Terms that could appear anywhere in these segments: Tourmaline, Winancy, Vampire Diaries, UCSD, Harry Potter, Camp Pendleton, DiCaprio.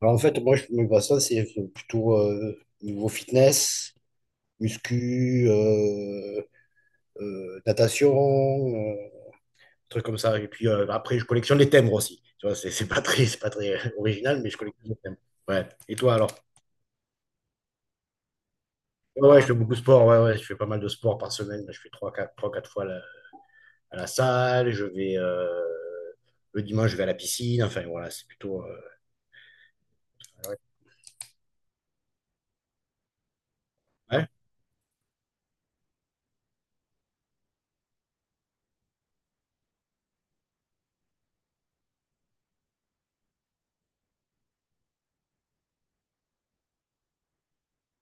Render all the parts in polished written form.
Alors, en fait, moi, je me vois ça, c'est plutôt niveau fitness, muscu, natation, euh, trucs comme ça. Et puis après, je collectionne les timbres aussi. Tu vois, c'est pas très original, mais je collectionne les timbres. Ouais. Et toi, alors? Ouais, ouais, je fais beaucoup de sport. Ouais, ouais, je fais pas mal de sport par semaine. Je fais trois quatre fois à la salle. Je vais, le dimanche, je vais à la piscine. Enfin, voilà, c'est plutôt. Ouais. Ouais,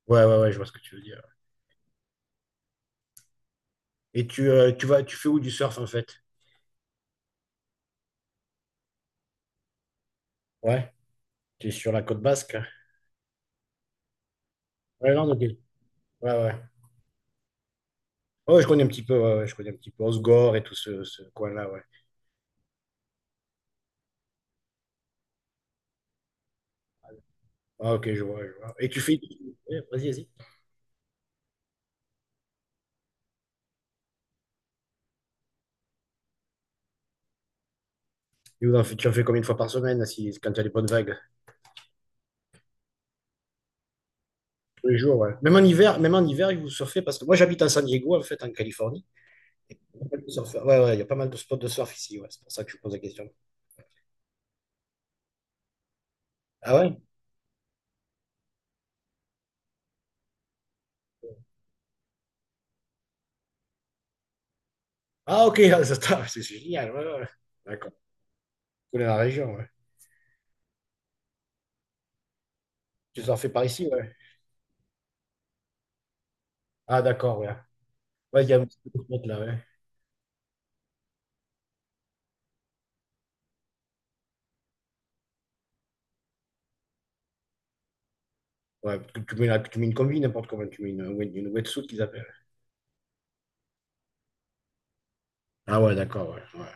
ouais, ouais, ouais, je vois ce que tu veux dire. Et tu fais où du surf, en fait? Ouais. Qui est sur la côte basque, hein. Ouais, non, ok. Ouais, ouais. Ouais, je connais un petit peu, ouais, ouais, je connais un petit peu Osgore et tout ce coin-là, ouais. Ah, ok, je vois, je vois. Et tu fais. Ouais, vas-y, vas-y. Tu en fais combien de fois par semaine si, quand tu as des bonnes vagues? Tous les jours, ouais. Même en hiver, vous surfez parce que moi j'habite à San Diego, en fait, en Californie. Surfeur. Ouais, ouais, il y a pas mal de spots de surf ici, ouais. C'est pour ça que je vous pose la question. Ah ouais? Ah ok, ah, ça tape, c'est génial, ouais, ouais. D'accord. Tu connais la région, ouais. Tu surfais par ici, ouais. Ah d'accord, ouais. Ouais, il y a un petit peu de spots là, ouais. Ouais, tu mets, tu mets une combi, n'importe comment, tu mets une wetsuit qu'ils appellent. Ah ouais, d'accord, ouais, ouais,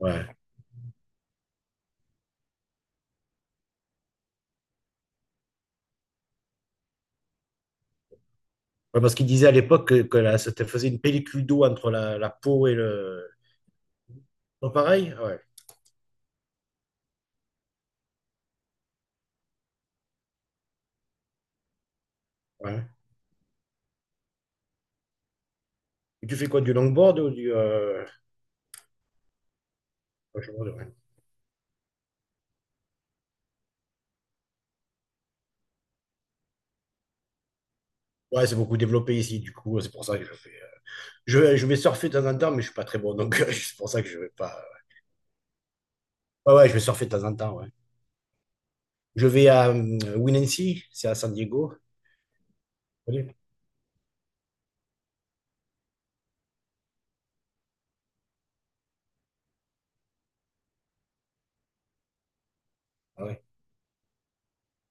ouais. Ouais, parce qu'ils disaient à l'époque que, que ça te faisait une pellicule d'eau entre la peau et le... Pas pareil? Ouais, ouais. Et tu fais quoi, du longboard ou du... washboard, ouais, Ouais, c'est beaucoup développé ici, du coup, c'est pour ça que je fais... Je vais surfer de temps en temps, mais je suis pas très bon, donc c'est pour ça que je vais pas... Ouais, ouais, je vais surfer de temps en temps, ouais. Je vais à Winancy, c'est à San Diego. Vous connaissez. Ah ouais,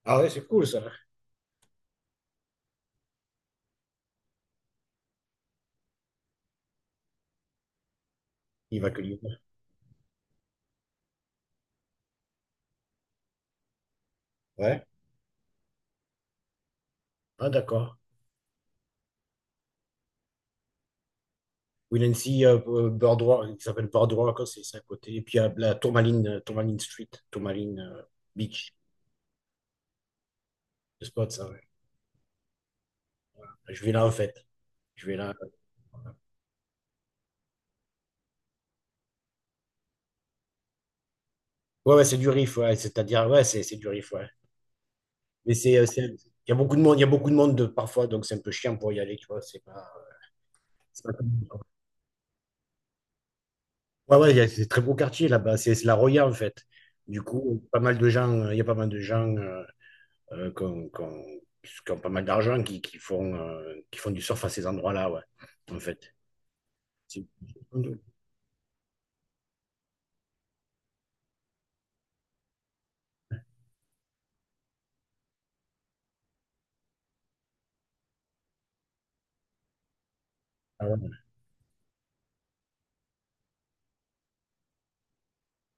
ah ouais, c'est cool, ça. Il va que lui. Ouais, ah d'accord. Will and Boardwalk, qui s'appelle Boardwalk, c'est à côté. Et puis il y a la Tourmaline, Tourmaline Street, Tourmaline Beach, le spot, ça, ouais. Je vais là, en fait. Je vais là. Ouais, ouais, c'est du riff, ouais. C'est-à-dire, ouais, c'est du riff, ouais. Mais il y a beaucoup de monde, il y a beaucoup de monde de, parfois, donc c'est un peu chiant pour y aller, tu vois. C'est pas comme- Ouais, ouais, c'est très beau quartier là-bas. C'est la Roya, en fait. Du coup, pas mal de gens, il y a pas mal de gens euh, qui ont, qui ont- qui ont pas mal d'argent qui font du surf à ces endroits-là, ouais, en fait. C'est- Ah ouais,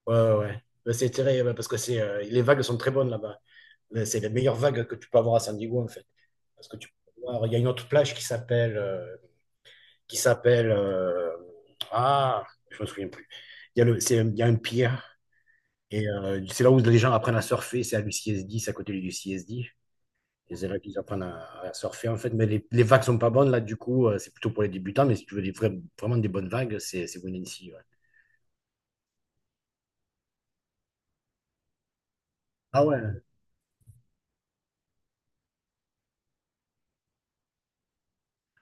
ouais, ouais. Ouais. Mais c'est tiré, ouais, parce que les vagues sont très bonnes là-bas. Mais c'est les meilleures vagues que tu peux avoir à San Diego, en fait. Parce que tu peux voir, il y a une autre plage qui s'appelle, qui s'appelle, euh, ah, je me souviens plus. Il y a le, c'est, il y a un pier, et c'est là où les gens apprennent à surfer, c'est à l'UCSD, c'est à côté du CSD. Et c'est là qu'ils apprennent à surfer, en fait. Mais les vagues sont pas bonnes, là, du coup, c'est plutôt pour les débutants, mais si tu veux vraiment des bonnes vagues, c'est Winancy, ouais. Ah ouais,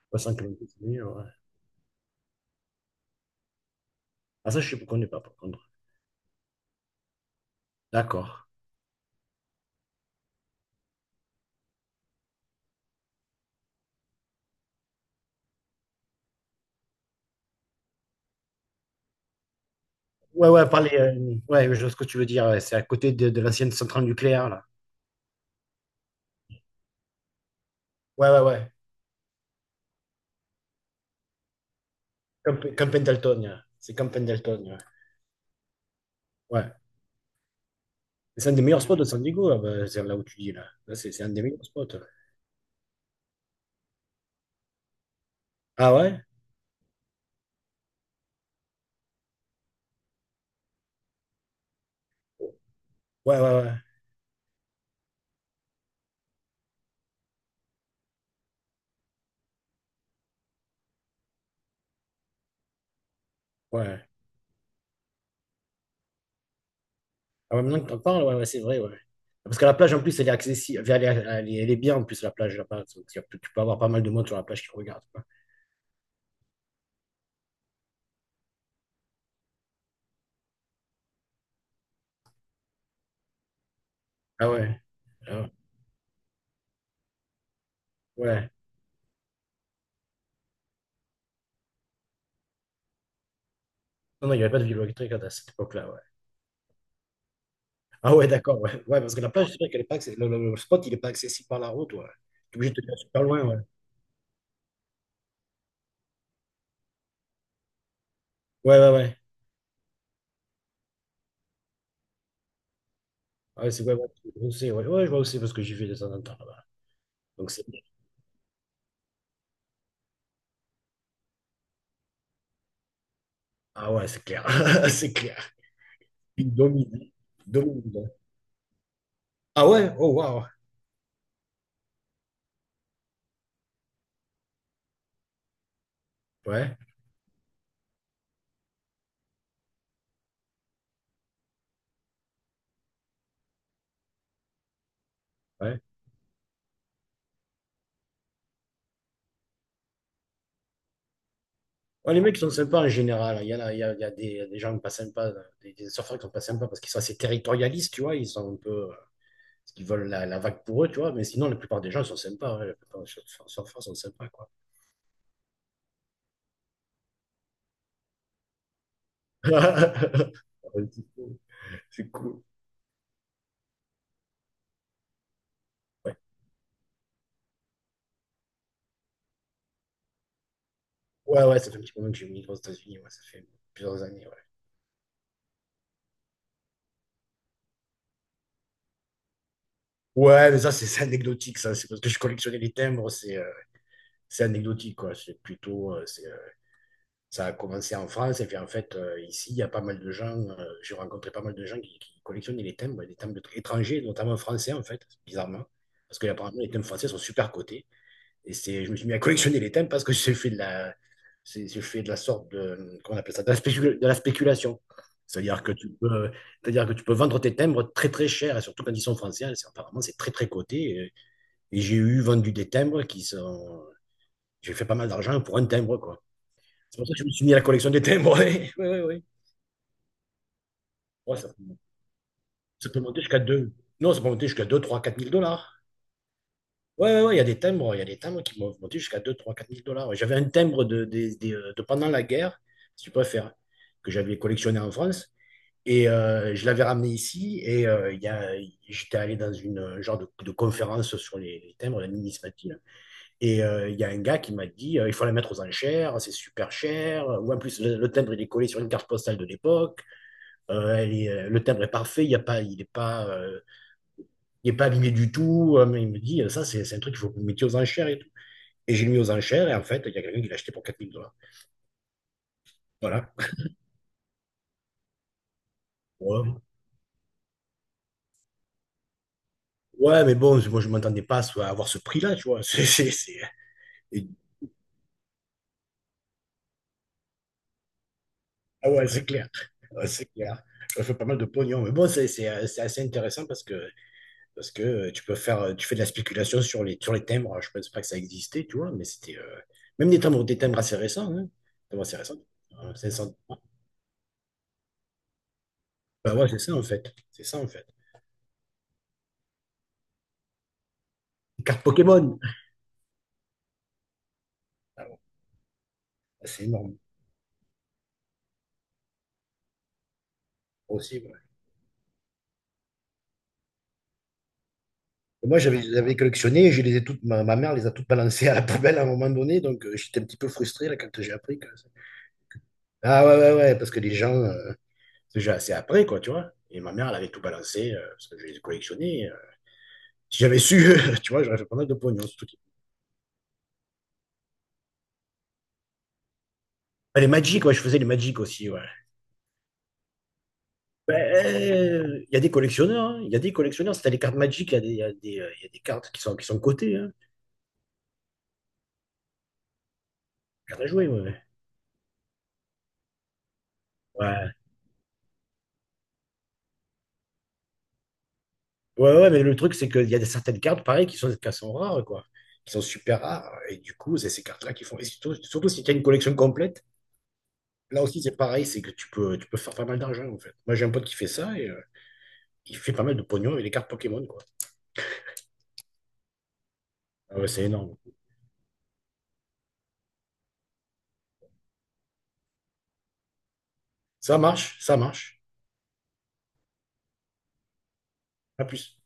300 km, Ah, ça, je ne connais pas, par contre. D'accord. Ouais, ouais, parler, ouais, je vois ce que tu veux dire. Ouais, c'est à côté de l'ancienne centrale nucléaire, là. Ouais, ouais, ouais. Camp, Camp Pendleton, ouais. C'est Camp Pendleton, ouais. Ouais. C'est un des meilleurs spots de San Diego, là, bah, c'est là où tu dis, là. Là, c'est un des meilleurs spots, là. Ah ouais? Ouais, ouais, ouais. Ouais. Ah, ouais, maintenant que tu en parles, ouais, ouais, c'est vrai, ouais. Parce que la plage, en plus, elle est accessible. Elle est bien, en plus, la plage, là-bas. Donc, tu peux avoir pas mal de monde sur la plage qui regarde, quoi. Ah ouais. Ah ouais. Ouais. Non, non, il n'y avait pas de vélo électrique à cette époque-là, ouais. Ah ouais, d'accord, ouais. Ouais, parce que la plage, c'est vrai qu'elle est pas accessi- Le spot, il est pas accessible par la route, ouais. T'es obligé de te faire super loin, ouais. Ouais, ouais, ouais. Ah ouais, c'est ouais, ouais, je vois aussi, ouais. Ouais, je vois aussi parce que j'y vais de temps en temps là-bas. Donc c'est. Ah ouais, c'est clair. C'est clair. Il domine. Il domine, hein. Ah ouais? Oh waouh. Ouais, ouais. Ouais, les mecs sont sympas en général. Il y a des gens pas sympas, des surfeurs qui sont pas sympas parce qu'ils sont assez territorialistes, tu vois. Ils sont un peu. Ils veulent la vague pour eux, tu vois. Mais sinon, la plupart des gens sont sympas, hein. La plupart des surfeurs sont sympas, quoi. C'est cool. Ouais. Ouais, ouais, ça fait un petit moment que j'ai migré aux États-Unis. Ouais, ça fait plusieurs années. Ouais, ouais mais ça, c'est anecdotique. Ça, c'est parce que je collectionnais les timbres. C'est anecdotique, quoi. C'est plutôt. Ça a commencé en France. Et puis, en fait, ici, il y a pas mal de gens. J'ai rencontré pas mal de gens qui collectionnaient les timbres, des timbres étrangers, notamment français, en fait, bizarrement. Parce que, apparemment, les timbres français sont super cotés. Et c'est, je me suis mis à collectionner les thèmes parce que j'ai fait de la, je fais de la sorte de, qu'on appelle ça, de la, de la spéculation. C'est-à-dire que tu peux, c'est-à-dire que tu peux vendre tes timbres très très cher, et surtout quand ils sont français, apparemment c'est très très coté. Et j'ai eu vendu des timbres qui sont, j'ai fait pas mal d'argent pour un timbre quoi. C'est pour ça que je me suis mis à la collection des timbres. Oui, oui, oui. Ouais, ça peut monter jusqu'à deux. Non, ça peut monter jusqu'à deux trois quatre mille dollars. Ouais, ouais, ouais, il y a des timbres qui m'ont monté jusqu'à deux trois quatre mille dollars. Ouais, j'avais un timbre de pendant la guerre, si tu préfères, que j'avais collectionné en France. Et je l'avais ramené ici. Et il y a, j'étais allé dans une genre de, conférence sur les timbres, la numismatie, là. Et il y a un gars qui m'a dit il faut la mettre aux enchères, c'est super cher. Ou en plus, le timbre, il est collé sur une carte postale de l'époque. Le timbre est parfait, il y a pas, il n'est pas, il est pas abîmé du tout. Mais il me dit, ça, c'est un truc qu'il faut que vous mettiez aux enchères. Et je l'ai mis aux enchères, et en fait, il y a quelqu'un qui l'a acheté pour 4 000 dollars. Voilà. Ouais. Ouais, mais bon, moi, je ne m'attendais pas à avoir ce prix-là, tu vois. C'est- et- Ah ouais, c'est clair. Ouais, c'est clair. Ça fait pas mal de pognon. Mais bon, c'est assez intéressant parce que tu fais de la spéculation sur les timbres. Je ne pense pas que ça existait, tu vois, mais c'était. Même des timbres assez récents. Hein. Des timbres assez récents. 500. Bah ouais, c'est ça, en fait. C'est ça, en fait. Carte Pokémon. Ah ouais, c'est énorme. Aussi, ouais. Et moi, je les avais collectionné, je les ai toutes, ma mère les a toutes balancées à la poubelle à un moment donné, donc j'étais un petit peu frustré là, quand j'ai appris que... Ah ouais, ouais, ouais, parce que les gens, c'est déjà assez après, quoi, tu vois. Et ma mère, elle avait tout balancé, parce que je les ai collectionnés. Si j'avais su, tu vois, j'aurais fait pas mal de pognon, ce truc. Ah, les Magic, ouais, je faisais les Magic aussi, ouais. Ben, il y a des collectionneurs, hein, il y a des collectionneurs. Si t'as les cartes Magic, il y a des, il y a des, il y a des cartes qui sont cotées, hein. Cartes à jouer, ouais. Ouais, ouais. Ouais. Ouais, mais le truc, c'est qu'il y a certaines cartes, pareil, qui sont des cartes sont rares, quoi. Qui sont super rares. Et du coup, c'est ces cartes-là qui font, et surtout, surtout si tu as une collection complète, là aussi, c'est pareil, c'est que tu peux faire pas mal d'argent, en fait. Moi, j'ai un pote qui fait ça et il fait pas mal de pognon avec les cartes Pokémon, quoi. Ah ouais, c'est énorme. Ça marche, ça marche. À plus.